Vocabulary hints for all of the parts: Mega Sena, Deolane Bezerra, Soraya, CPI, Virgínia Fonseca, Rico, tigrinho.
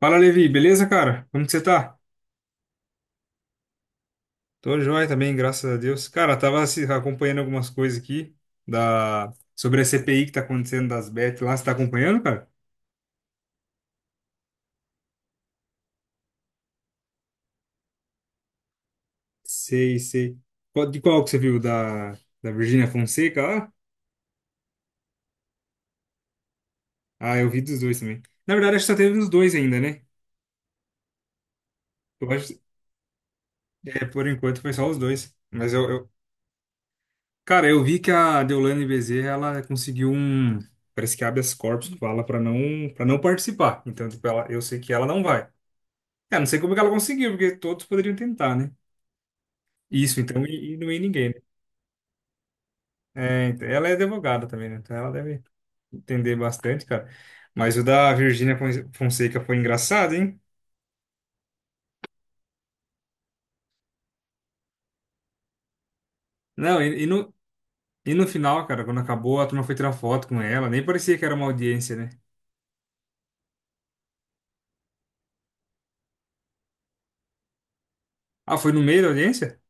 Fala, Levi, beleza, cara? Como que você tá? Tô joia também, graças a Deus. Cara, tava acompanhando algumas coisas aqui sobre a CPI que tá acontecendo das Bet lá. Você tá acompanhando, cara? Sei, sei. De qual que você viu? Da Virgínia Fonseca lá? Ah, eu vi dos dois também. Na verdade, acho que só teve nos dois ainda, né? Eu acho. É, por enquanto foi só os dois. Mas eu. Cara, eu vi que a Deolane Bezerra, ela conseguiu um. Parece que habeas corpus que fala pra não, para não participar. Então, tipo, ela. Eu sei que ela não vai. Cara, não sei como que ela conseguiu, porque todos poderiam tentar, né? Isso, então, e não ia ninguém, né? É, então, ela é advogada também, né? Então ela deve entender bastante, cara. Mas o da Virgínia Fonseca foi engraçado, hein? Não, e no final, cara, quando acabou, a turma foi tirar foto com ela, nem parecia que era uma audiência, né? Ah, foi no meio da audiência?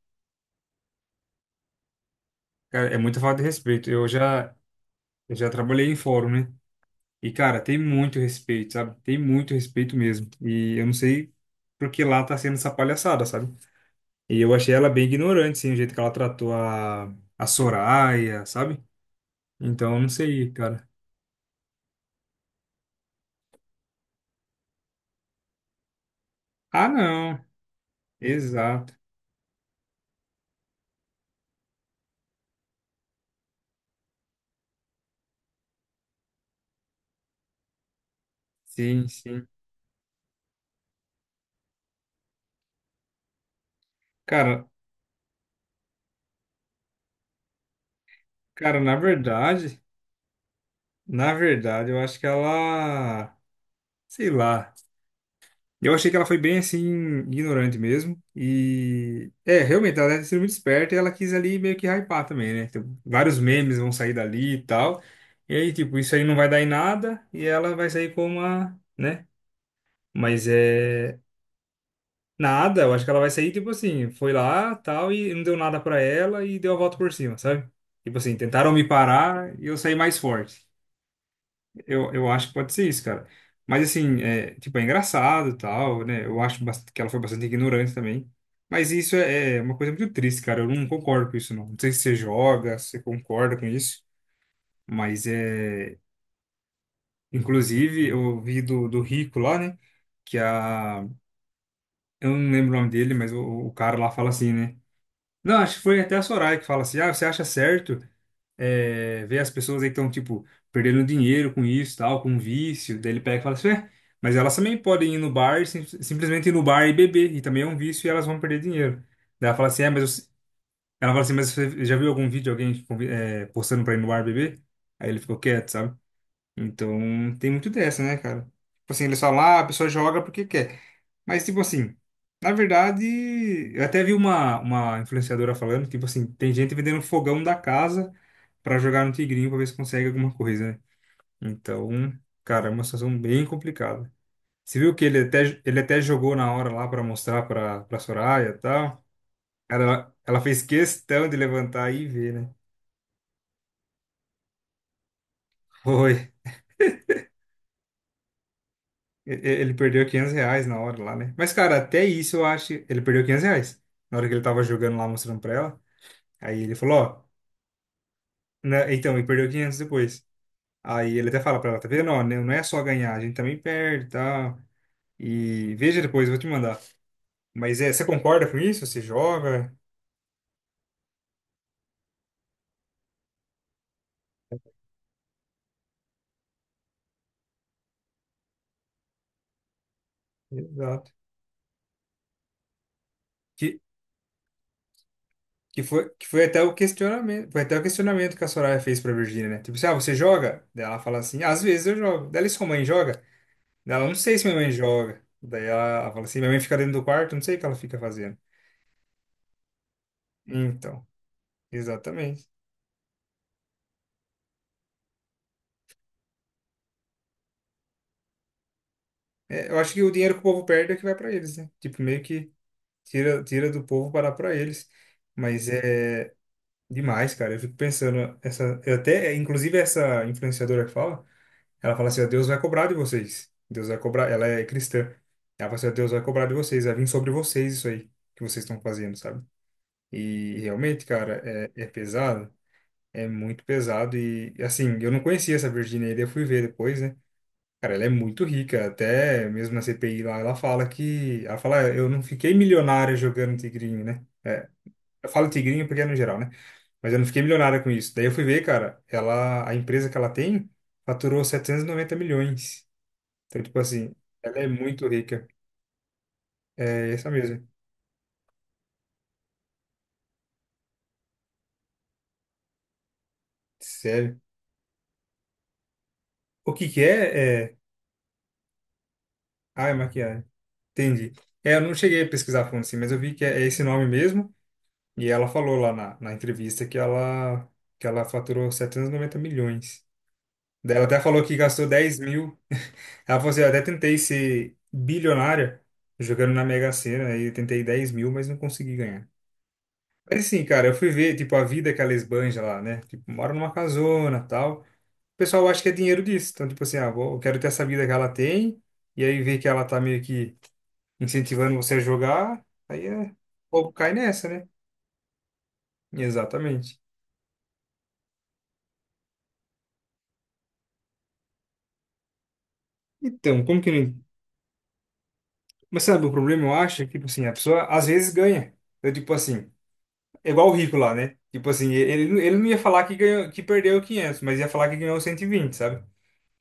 Cara, é muita falta de respeito. Eu já trabalhei em fórum, né? E, cara, tem muito respeito, sabe? Tem muito respeito mesmo. E eu não sei por que lá tá sendo essa palhaçada, sabe? E eu achei ela bem ignorante, assim, o jeito que ela tratou a Soraya, sabe? Então, eu não sei, cara. Ah, não. Exato. Sim, sim. Cara, cara, na verdade, eu acho que ela, sei lá. Eu achei que ela foi bem assim ignorante mesmo e realmente ela deve ter sido muito esperta e ela quis ali meio que hypar também, né? Tipo, vários memes vão sair dali e tal. E aí, tipo, isso aí não vai dar em nada e ela vai sair com uma, né? Mas é, nada, eu acho que ela vai sair, tipo assim, foi lá, tal, e não deu nada pra ela e deu a volta por cima, sabe? Tipo assim, tentaram me parar e eu saí mais forte. Eu acho que pode ser isso, cara. Mas assim, tipo, é engraçado, tal, né? Eu acho que ela foi bastante ignorante também. Mas isso é uma coisa muito triste, cara. Eu não concordo com isso, não. Não sei se você joga, se você concorda com isso, mas é. Inclusive, eu vi do Rico lá, né? Que a. Eu não lembro o nome dele, mas o cara lá fala assim, né? Não, acho que foi até a Soraya que fala assim, ah, você acha certo ver as pessoas aí que estão, tipo, perdendo dinheiro com isso, tal, com vício, daí ele pega e fala assim, mas elas também podem ir no bar, e simplesmente ir no bar e beber, e também é um vício e elas vão perder dinheiro. Daí ela fala assim, mas eu- ela fala assim, mas você já viu algum vídeo de alguém tipo, postando pra ir no bar beber? Aí ele ficou quieto, sabe? Então, tem muito dessa, né, cara? Tipo assim, eles falam, ah, a pessoa joga porque quer. Mas, tipo assim, na verdade, eu até vi uma influenciadora falando, tipo assim, tem gente vendendo fogão da casa pra jogar no tigrinho pra ver se consegue alguma coisa, né? Então, cara, é uma situação bem complicada. Você viu que ele até jogou na hora lá pra mostrar pra Soraya e tal. Cara, ela fez questão de levantar e ver, né? Foi. Ele perdeu R$ 500 na hora lá, né? Mas, cara, até isso eu acho. Ele perdeu R$ 500 na hora que ele tava jogando lá, mostrando pra ela. Aí ele falou, ó. Né, então, e perdeu 500 depois. Aí ele até fala pra ela, tá vendo? Ó, né, não é só ganhar, a gente também perde e tal. E veja depois, eu vou te mandar. Mas é, você concorda com isso? Você joga? Exato. Que, que foi até o questionamento, foi até o questionamento que a Soraya fez pra Virgínia, né? Tipo assim, ah, você joga? Daí ela fala assim, às vezes eu jogo. Daí ela, e sua mãe joga? Daí ela, não sei se minha mãe joga. Daí ela fala assim, minha mãe fica dentro do quarto, não sei o que ela fica fazendo. Então, exatamente. É, eu acho que o dinheiro que o povo perde é que vai pra eles, né? Tipo, meio que tira do povo para dar para eles. Mas, uhum, é demais, cara. Eu fico pensando, essa, eu até, inclusive essa influenciadora que fala, ela fala assim, ó, Deus vai cobrar de vocês. Deus vai cobrar, ela é cristã. Ela fala assim, ó, Deus vai cobrar de vocês, vai vir sobre vocês isso aí que vocês estão fazendo, sabe? E realmente, cara, é pesado, é muito pesado e assim, eu não conhecia essa Virginia, aí, eu fui ver depois, né? Cara, ela é muito rica, até mesmo na CPI lá, ela fala que, ela fala, eu não fiquei milionária jogando tigrinho, né? Eu falo tigrinho porque é no geral, né? Mas eu não fiquei milionária com isso. Daí eu fui ver, cara, ela, a empresa que ela tem faturou 790 milhões. Então, tipo assim, ela é muito rica. É essa mesmo. Sério. O que que é? É. Ah, é maquiagem. Entendi. É, eu não cheguei a pesquisar a fundo assim, mas eu vi que é esse nome mesmo. E ela falou lá na entrevista que ela, faturou 790 milhões. Daí ela até falou que gastou 10.000. Ela falou assim, eu até tentei ser bilionária jogando na Mega Sena, aí eu tentei 10.000, mas não consegui ganhar. Mas assim, cara, eu fui ver, tipo, a vida que ela esbanja lá, né? Tipo, mora numa casona, tal. O pessoal acha que é dinheiro disso. Então, tipo assim, ah, eu quero ter essa vida que ela tem, e aí ver que ela tá meio que incentivando você a jogar, ou cai nessa, né? Exatamente. Então, como que não. Mas sabe, o problema, eu acho, é que, tipo assim, a pessoa às vezes ganha. Eu, tipo assim. É igual o rico lá, né? Tipo assim, ele não ia falar que perdeu 500, mas ia falar que ganhou 120, sabe?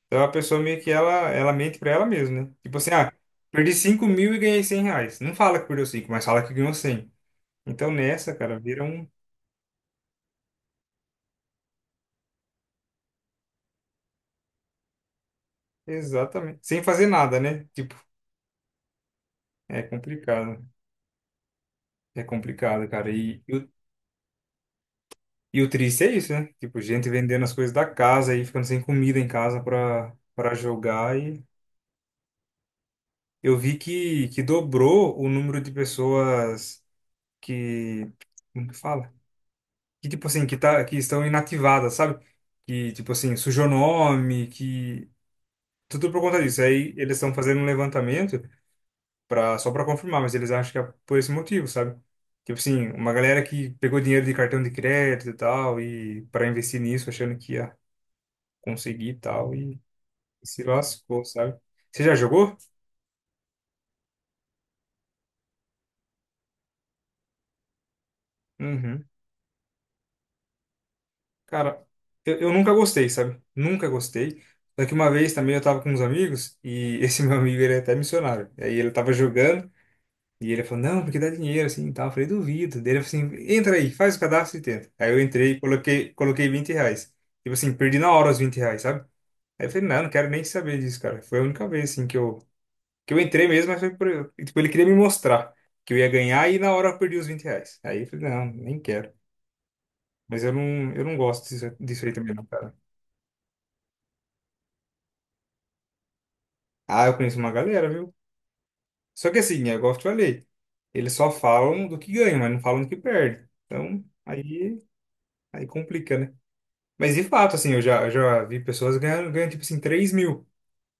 Então a pessoa meio que ela mente pra ela mesma, né? Tipo assim, ah, perdi 5.000 e ganhei R$ 100. Não fala que perdeu 5, mas fala que ganhou 100. Então nessa, cara, vira um. Exatamente. Sem fazer nada, né? Tipo, é complicado. É complicado, cara. E o triste é isso, né? Tipo, gente vendendo as coisas da casa e ficando sem comida em casa pra jogar. E eu vi que dobrou o número de pessoas que como que fala? Que tipo assim, que estão inativadas, sabe? Que tipo assim, sujou nome, que tudo por conta disso. Aí eles estão fazendo um levantamento para só para confirmar, mas eles acham que é por esse motivo, sabe? Tipo assim, uma galera que pegou dinheiro de cartão de crédito e tal e para investir nisso, achando que ia conseguir e tal e se lascou, sabe? Você já jogou? Uhum. Cara, eu nunca gostei, sabe? Nunca gostei. Só que uma vez também eu tava com uns amigos e esse meu amigo, ele é até missionário. E aí ele tava jogando e ele falou, não, porque dá dinheiro, assim, e tal. Eu falei, duvido. Daí ele falou assim, entra aí, faz o cadastro e tenta. Aí eu entrei, coloquei R$ 20. Tipo assim, perdi na hora os R$ 20, sabe? Aí eu falei, não, não quero nem saber disso, cara. Foi a única vez, assim, que eu entrei mesmo, mas foi por. E tipo, ele queria me mostrar que eu ia ganhar e na hora eu perdi os R$ 20. Aí eu falei, não, nem quero. Mas eu não gosto disso, disso aí também, não, cara. Ah, eu conheço uma galera, viu? Só que assim, é igual eu te falei, eles só falam do que ganham, mas não falam do que perde. Então, aí complica, né? Mas de fato, assim, eu já vi pessoas ganhando, ganhando, tipo assim, 3.000.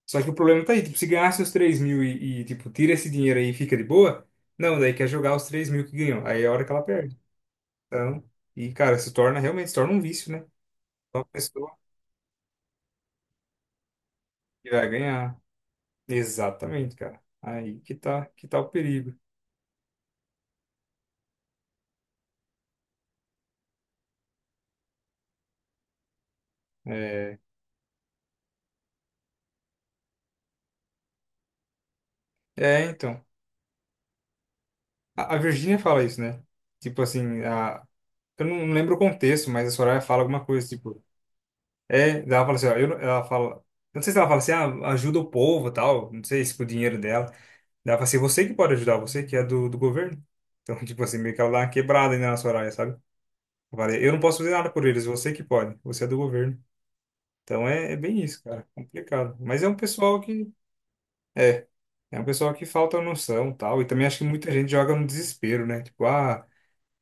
Só que o problema tá aí, tipo, se ganhasse os 3.000 e, tipo, tira esse dinheiro aí e fica de boa, não, daí quer jogar os 3.000 que ganhou. Aí é a hora que ela perde. Então, e cara, se torna, realmente se torna um vício, né? Só a pessoa que vai ganhar. Exatamente, cara. Aí que tá o perigo. É, é, então. A Virgínia fala isso, né? Tipo assim, a, eu não lembro o contexto, mas a Soraya fala alguma coisa, tipo, ela fala assim, ó, eu, não- ela fala, eu não sei se ela fala assim, ah, ajuda o povo, tal, não sei se com o dinheiro dela. Ela fala assim, você que pode ajudar, você que é do governo. Então, tipo assim, meio que ela dá uma quebrada ainda na Soraya, sabe? Eu falei, eu não posso fazer nada por eles, você que pode, você é do governo. Então é bem isso, cara, complicado. Mas é um pessoal que, é, é um pessoal que falta noção, tal, e também acho que muita gente joga no desespero, né? Tipo, ah,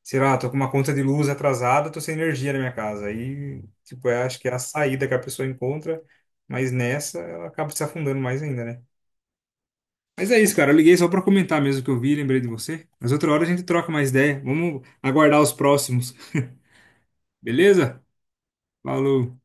sei lá, tô com uma conta de luz atrasada, tô sem energia na minha casa. Aí, tipo, eu acho que é a saída que a pessoa encontra, mas nessa ela acaba se afundando mais ainda, né? Mas é isso, cara. Eu liguei só pra comentar mesmo que eu vi, lembrei de você. Mas outra hora a gente troca mais ideia. Vamos aguardar os próximos. Beleza? Falou.